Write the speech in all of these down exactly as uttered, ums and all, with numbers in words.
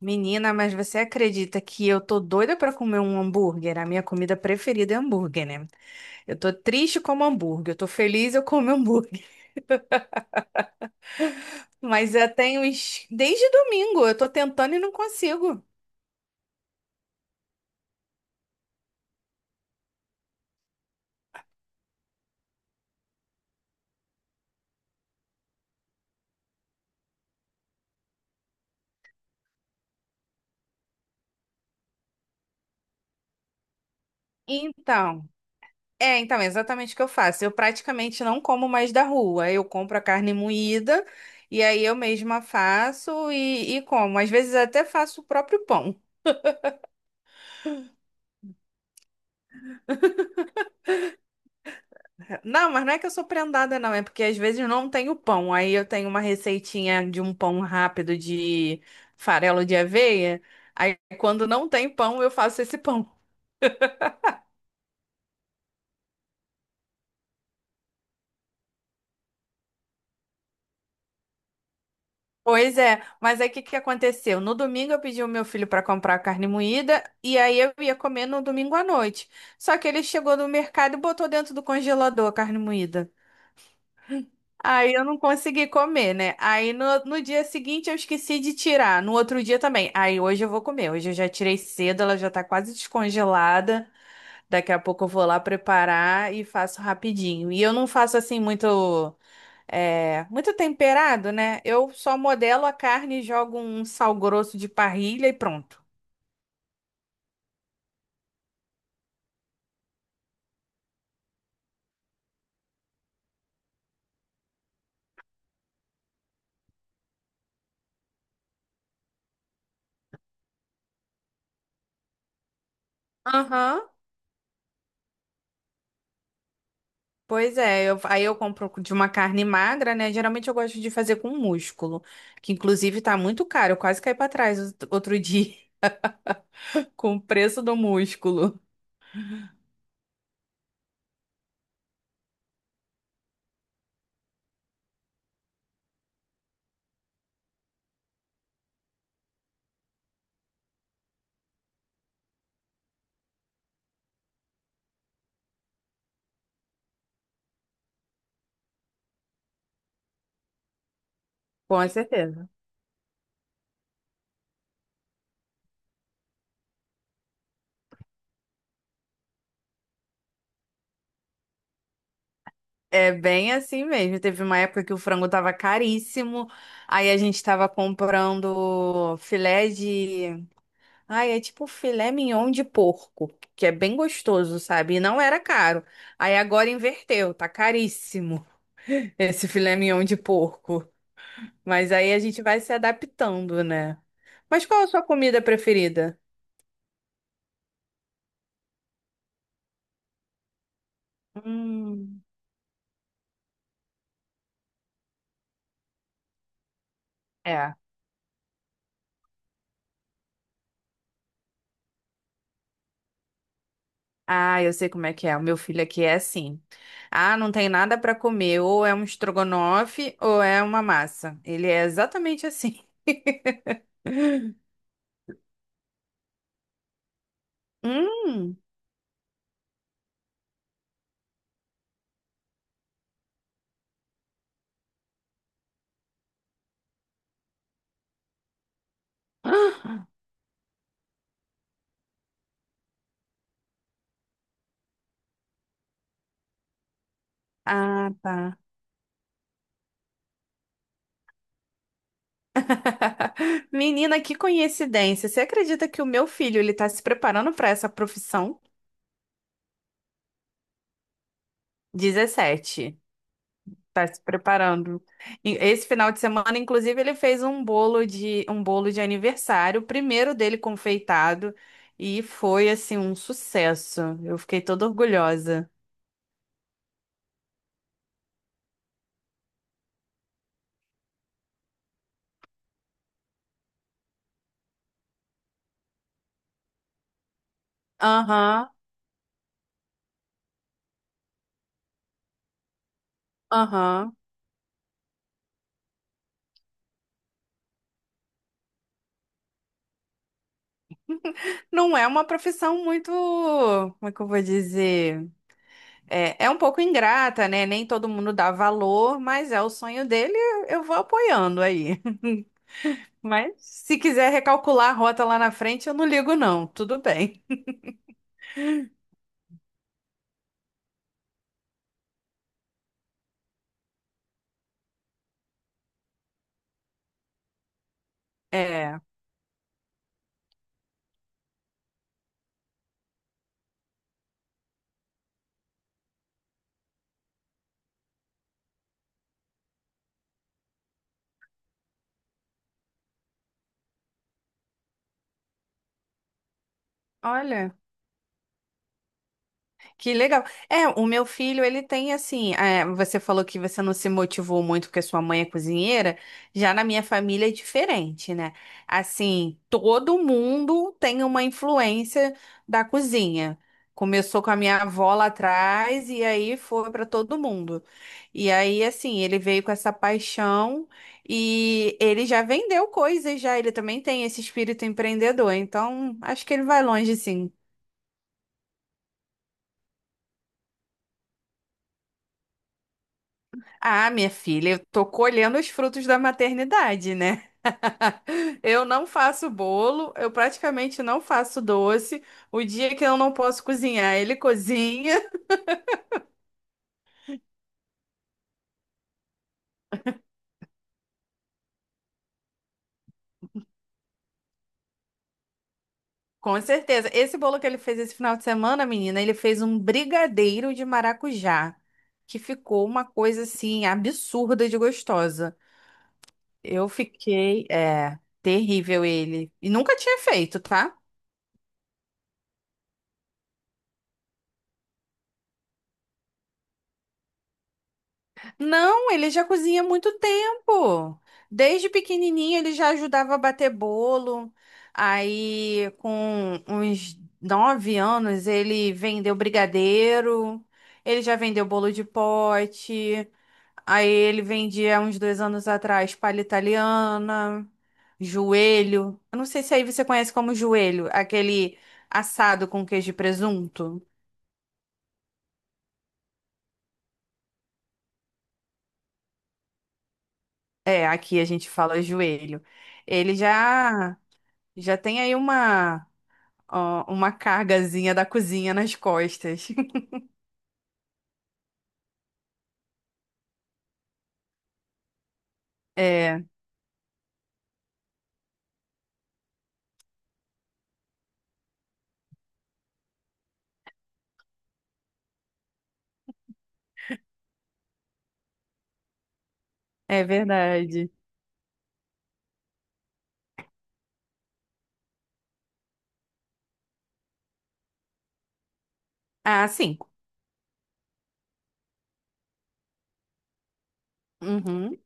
Menina, mas você acredita que eu tô doida pra comer um hambúrguer? A minha comida preferida é hambúrguer, né? Eu tô triste como hambúrguer, eu tô feliz eu como hambúrguer. Mas eu tenho uns- desde domingo, eu tô tentando e não consigo. Então, é, então, é exatamente o que eu faço. Eu praticamente não como mais da rua. Eu compro a carne moída e aí eu mesma faço e, e como. Às vezes até faço o próprio pão. Não, mas não é que eu sou prendada, não. É porque às vezes não tenho pão. Aí eu tenho uma receitinha de um pão rápido de farelo de aveia. Aí quando não tem pão, eu faço esse pão. Pois é, mas aí o que que aconteceu? No domingo eu pedi o meu filho para comprar carne moída e aí eu ia comer no domingo à noite. Só que ele chegou no mercado e botou dentro do congelador a carne moída. Aí eu não consegui comer, né? Aí no, no dia seguinte eu esqueci de tirar, no outro dia também. Aí hoje eu vou comer. Hoje eu já tirei cedo, ela já tá quase descongelada. Daqui a pouco eu vou lá preparar e faço rapidinho. E eu não faço assim muito, é, muito temperado, né? Eu só modelo a carne, jogo um sal grosso de parrilha e pronto. Aham. Pois é, eu- aí eu compro de uma carne magra, né? Geralmente eu gosto de fazer com músculo, que inclusive tá muito caro, eu quase caí pra trás out- outro dia com o preço do músculo. Com certeza. É bem assim mesmo. Teve uma época que o frango tava caríssimo, aí a gente tava comprando filé de. Ai, é tipo filé mignon de porco, que é bem gostoso, sabe? E não era caro. Aí agora inverteu, tá caríssimo esse filé mignon de porco. Mas aí a gente vai se adaptando, né? Mas qual a sua comida preferida? Hum, é. Ah, eu sei como é que é. O meu filho aqui é assim. Ah, não tem nada para comer. Ou é um estrogonofe ou é uma massa. Ele é exatamente assim. Hum. Ah, tá. Menina, que coincidência. Você acredita que o meu filho ele tá se preparando para essa profissão? Dezessete. Tá se preparando. E esse final de semana, inclusive, ele fez um bolo de um bolo de aniversário, o primeiro dele confeitado, e foi assim um sucesso. Eu fiquei toda orgulhosa. Aham, aham. Não é uma profissão muito, como é que eu vou dizer? É, é um pouco ingrata, né? Nem todo mundo dá valor, mas é o sonho dele, eu vou apoiando aí. Mas se quiser recalcular a rota lá na frente, eu não ligo, não. Tudo bem. É, olha. Que legal. É, o meu filho, ele tem assim. É, você falou que você não se motivou muito porque sua mãe é cozinheira. Já na minha família é diferente, né? Assim, todo mundo tem uma influência da cozinha. Começou com a minha avó lá atrás e aí foi para todo mundo. E aí, assim, ele veio com essa paixão e ele já vendeu coisas já. Ele também tem esse espírito empreendedor. Então, acho que ele vai longe, sim. Ah, minha filha, eu tô colhendo os frutos da maternidade, né? Eu não faço bolo, eu praticamente não faço doce. O dia que eu não posso cozinhar, ele cozinha. Com certeza. Esse bolo que ele fez esse final de semana, menina, ele fez um brigadeiro de maracujá, que ficou uma coisa assim absurda de gostosa. Eu fiquei, é, terrível ele. E nunca tinha feito, tá? Não, ele já cozinha há muito tempo. Desde pequenininho ele já ajudava a bater bolo. Aí, com uns nove anos, ele vendeu brigadeiro. Ele já vendeu bolo de pote. Aí ele vendia uns dois anos atrás palha italiana, joelho. Eu não sei se aí você conhece como joelho, aquele assado com queijo e presunto. É, aqui a gente fala joelho. Ele já Já tem aí uma, ó, uma cargazinha da cozinha nas costas. É, é verdade. Ah, sim. Uhum.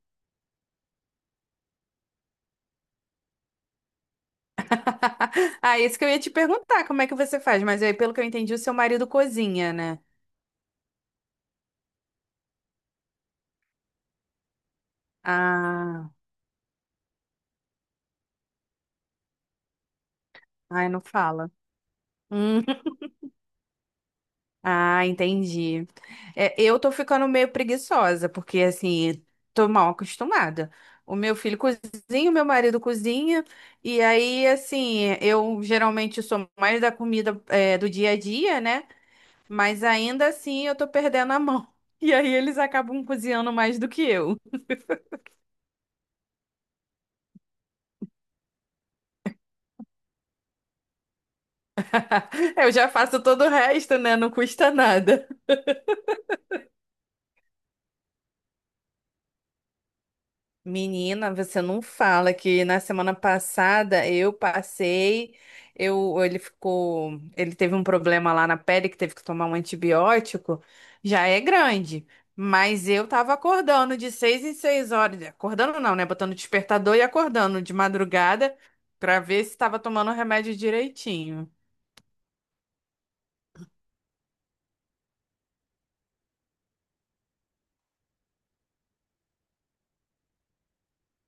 Ah, isso que eu ia te perguntar, como é que você faz? Mas aí, pelo que eu entendi, o seu marido cozinha, né? Ah, ai, não fala. Ah, entendi. É, eu tô ficando meio preguiçosa, porque assim, tô mal acostumada. O meu filho cozinha, o meu marido cozinha, e aí, assim, eu geralmente sou mais da comida, é, do dia a dia, né? Mas ainda assim eu tô perdendo a mão. E aí eles acabam cozinhando mais do que eu. Eu já faço todo o resto, né? Não custa nada. Menina, você não fala que na semana passada eu passei, eu, ele ficou, ele teve um problema lá na pele que teve que tomar um antibiótico, já é grande, mas eu tava acordando de seis em seis horas, acordando não, né, botando despertador e acordando de madrugada pra ver se tava tomando o remédio direitinho.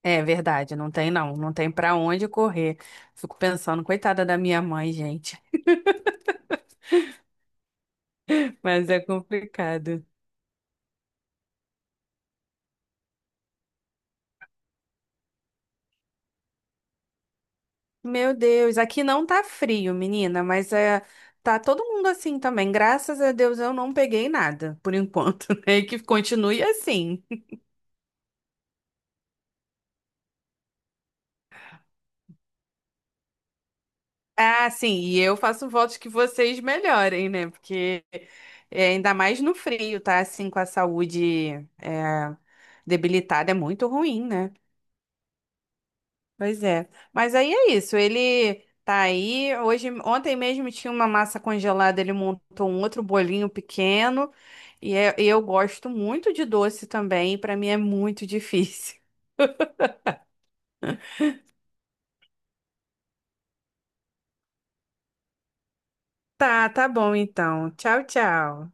É verdade, não tem não, não tem pra onde correr. Fico pensando, coitada da minha mãe, gente, mas é complicado. Meu Deus, aqui não tá frio, menina, mas é, tá todo mundo assim também. Graças a Deus eu não peguei nada, por enquanto, né? E que continue assim. Ah, sim, e eu faço votos que vocês melhorem, né? Porque é, ainda mais no frio, tá? Assim, com a saúde é, debilitada, é muito ruim, né? Pois é. Mas aí é isso, ele tá aí. Hoje, ontem mesmo tinha uma massa congelada, ele montou um outro bolinho pequeno. E é- eu gosto muito de doce também, para mim é muito difícil. Tá, tá bom então. Tchau, tchau.